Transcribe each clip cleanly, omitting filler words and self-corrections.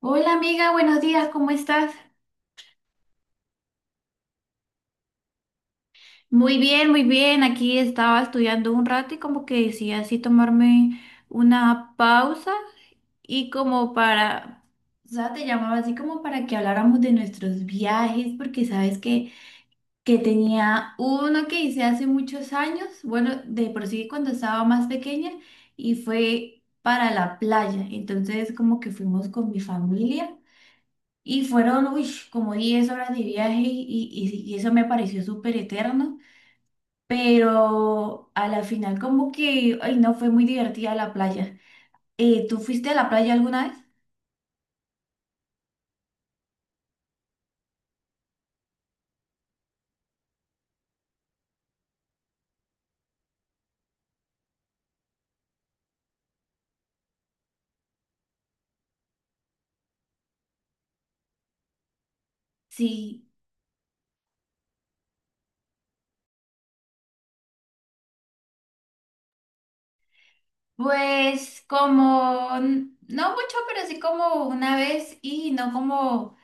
Hola amiga, buenos días, ¿cómo estás? Muy bien, muy bien. Aquí estaba estudiando un rato y como que decía así tomarme una pausa y como para, o sea, te llamaba así como para que habláramos de nuestros viajes, porque sabes que tenía uno que hice hace muchos años, bueno, de por sí cuando estaba más pequeña y fue para la playa. Entonces como que fuimos con mi familia. Y fueron, uy, como 10 horas de viaje y eso me pareció súper eterno, pero a la final como que, ay, no, fue muy divertida la playa. ¿Tú fuiste a la playa alguna vez? Sí, pues como, no mucho, pero sí como una vez y no como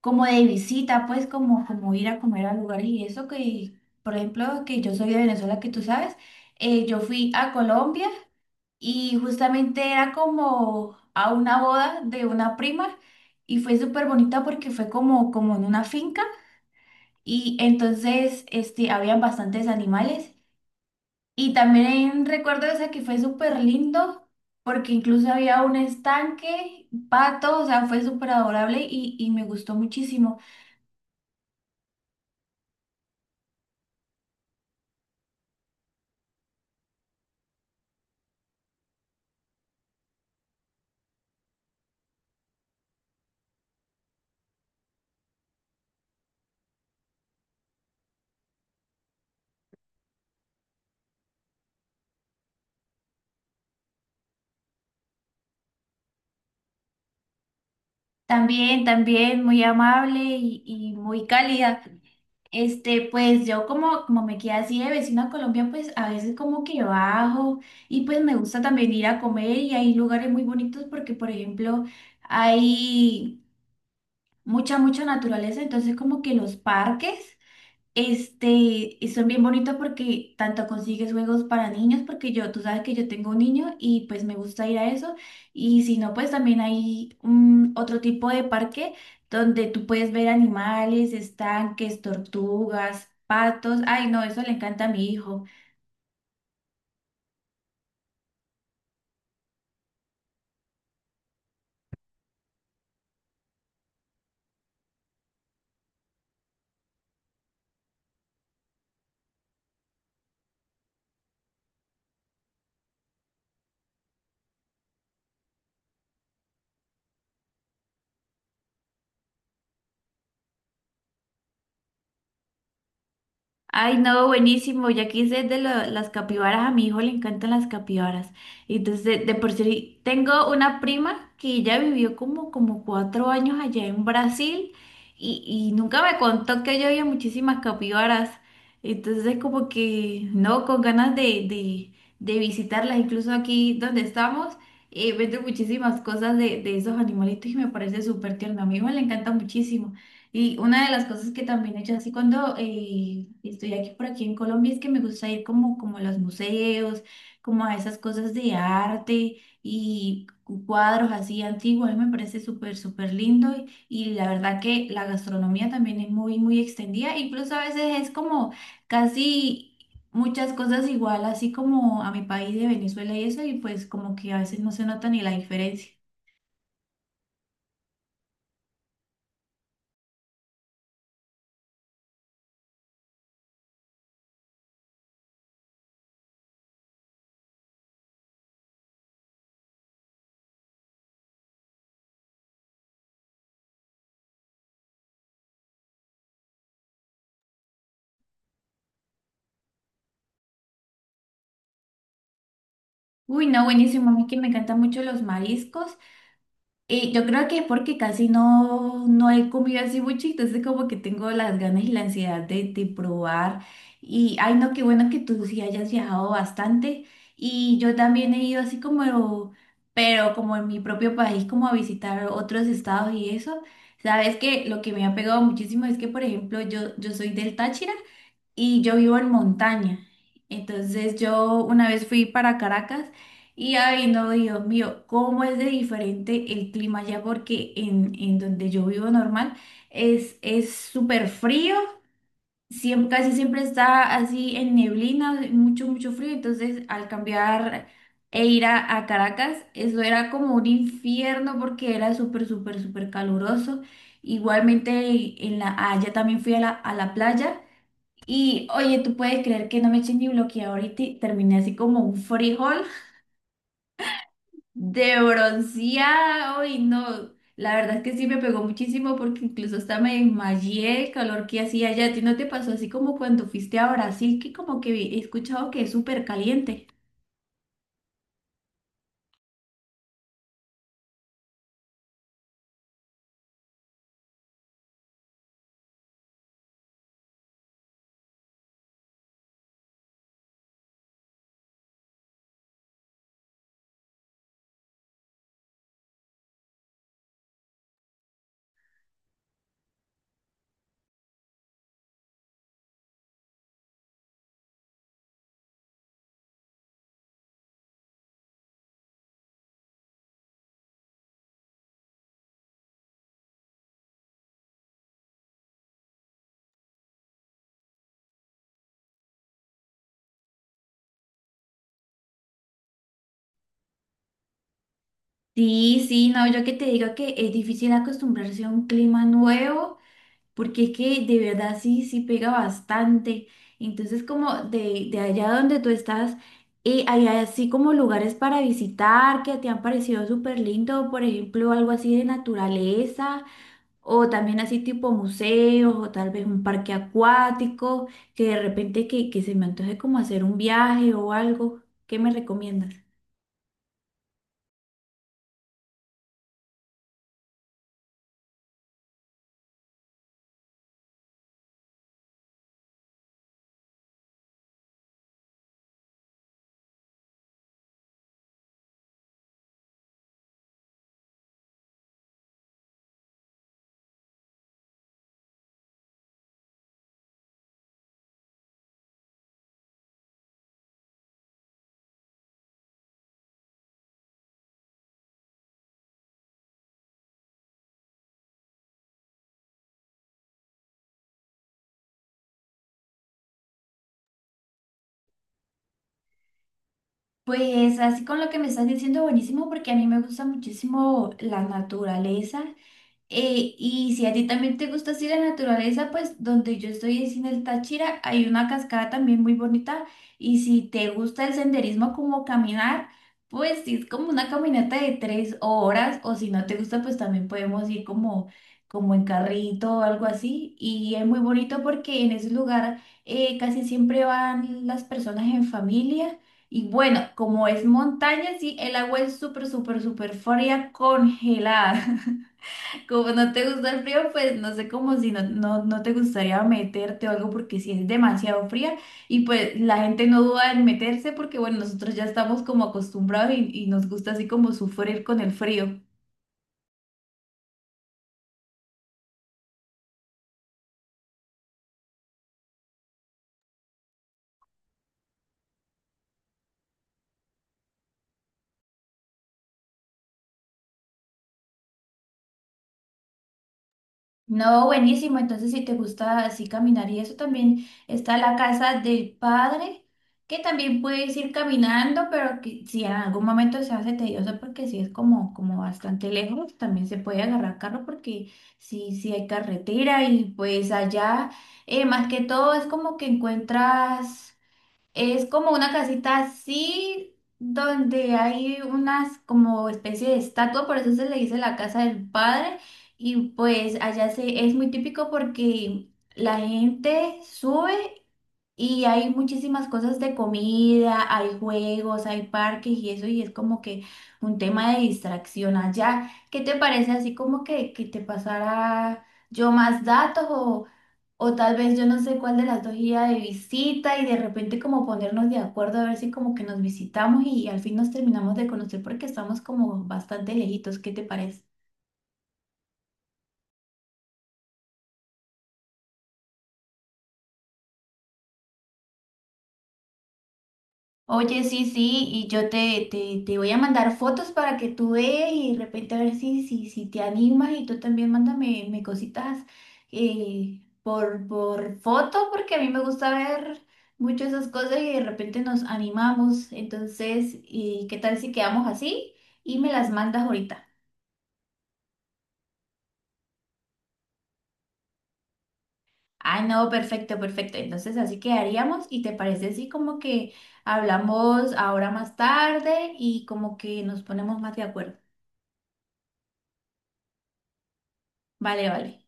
como de visita, pues como, como ir a comer a lugares y eso que, por ejemplo, que yo soy de Venezuela, que tú sabes, yo fui a Colombia y justamente era como a una boda de una prima y fue súper bonita porque fue como, como en una finca y entonces este, habían bastantes animales y también recuerdo esa que fue súper lindo. Porque incluso había un estanque, pato, o sea, fue súper adorable y me gustó muchísimo. También, también muy amable y muy cálida. Este, pues yo como, como me quedé así de vecino a Colombia, pues a veces como que bajo y pues me gusta también ir a comer y hay lugares muy bonitos porque, por ejemplo, hay mucha, mucha naturaleza, entonces como que los parques. Este, y son bien bonitos porque tanto consigues juegos para niños, porque yo, tú sabes que yo tengo un niño y pues me gusta ir a eso. Y si no, pues también hay un, otro tipo de parque donde tú puedes ver animales, estanques, tortugas, patos. Ay, no, eso le encanta a mi hijo. Ay, no, buenísimo. Ya quise las capibaras. A mi hijo le encantan las capibaras. Y entonces, de por sí, tengo una prima que ya vivió como, como 4 años allá en Brasil y nunca me contó que allá había muchísimas capibaras. Entonces, como que, no, con ganas de, de visitarlas. Incluso aquí donde estamos, venden muchísimas cosas de esos animalitos y me parece súper tierno. A mi hijo le encanta muchísimo. Y una de las cosas que también he hecho así cuando estoy aquí por aquí en Colombia es que me gusta ir como, como a los museos, como a esas cosas de arte y cuadros así antiguos, a mí me parece súper, súper lindo y la verdad que la gastronomía también es muy, muy extendida, incluso a veces es como casi muchas cosas igual, así como a mi país de Venezuela y eso, y pues como que a veces no se nota ni la diferencia. Uy, no, buenísimo, a mí que me encantan mucho los mariscos. Y yo creo que es porque casi no, no he comido así mucho, entonces como que tengo las ganas y la ansiedad de probar. Y ay no, qué bueno que tú sí hayas viajado bastante. Y yo también he ido así como, pero como en mi propio país, como a visitar otros estados y eso. Sabes que lo que me ha pegado muchísimo es que, por ejemplo, yo soy del Táchira y yo vivo en montaña. Entonces yo una vez fui para Caracas y ay no, Dios mío, cómo es de diferente el clima allá porque en donde yo vivo normal es súper frío, siempre, casi siempre está así en neblina, mucho, mucho frío. Entonces al cambiar e ir a Caracas, eso era como un infierno porque era súper, súper, súper caluroso. Igualmente en la, allá también fui a a la playa. Y oye, tú puedes creer que no me eché ni bloqueador y terminé así como un frijol de bronceado y no, la verdad es que sí me pegó muchísimo porque incluso hasta me desmayé el calor que hacía allá. ¿A ti no te pasó así como cuando fuiste a Brasil que como que he escuchado que es súper caliente? Sí, sí, no, yo que te digo que es difícil acostumbrarse a un clima nuevo, porque es que de verdad sí, sí pega bastante. Entonces, como de allá donde tú estás, hay así como lugares para visitar que te han parecido súper lindo, por ejemplo, algo así de naturaleza, o también así tipo museos, o tal vez un parque acuático, que de repente que se me antoje como hacer un viaje o algo. ¿Qué me recomiendas? Pues así con lo que me estás diciendo, buenísimo, porque a mí me gusta muchísimo la naturaleza. Y si a ti también te gusta así la naturaleza, pues donde yo estoy es en el Táchira, hay una cascada también muy bonita. Y si te gusta el senderismo como caminar, pues sí, es como una caminata de 3 horas. O si no te gusta, pues también podemos ir como, como en carrito o algo así. Y es muy bonito porque en ese lugar casi siempre van las personas en familia. Y bueno, como es montaña, sí, el agua es súper, súper, súper fría, congelada. Como no te gusta el frío, pues no sé cómo si no, no, no te gustaría meterte o algo porque si es demasiado fría y pues la gente no duda en meterse porque bueno, nosotros ya estamos como acostumbrados y nos gusta así como sufrir con el frío. No, buenísimo. Entonces, si te gusta así caminar y eso, también está la casa del padre, que también puedes ir caminando, pero que si en algún momento se hace tedioso, porque si es como, como bastante lejos, también se puede agarrar carro porque sí, sí hay carretera y pues allá, más que todo, es como que encuentras... Es como una casita así donde hay unas como especie de estatua, por eso se le dice la casa del padre. Y pues allá se, es muy típico porque la gente sube y hay muchísimas cosas de comida, hay juegos, hay parques y eso, y es como que un tema de distracción allá. ¿Qué te parece así como que te pasara yo más datos o tal vez yo no sé cuál de las dos iba de visita y de repente como ponernos de acuerdo a ver si como que nos visitamos y al fin nos terminamos de conocer porque estamos como bastante lejitos? ¿Qué te parece? Oye, sí, sí, y yo te voy a mandar fotos para que tú veas y de repente a ver si, si, si te animas y tú también mándame me cositas por foto porque a mí me gusta ver mucho esas cosas y de repente nos animamos. Entonces, ¿y qué tal si quedamos así y me las mandas ahorita? Ah, no, perfecto, perfecto. Entonces así quedaríamos y te parece así como que hablamos ahora más tarde y como que nos ponemos más de acuerdo. Vale, vale.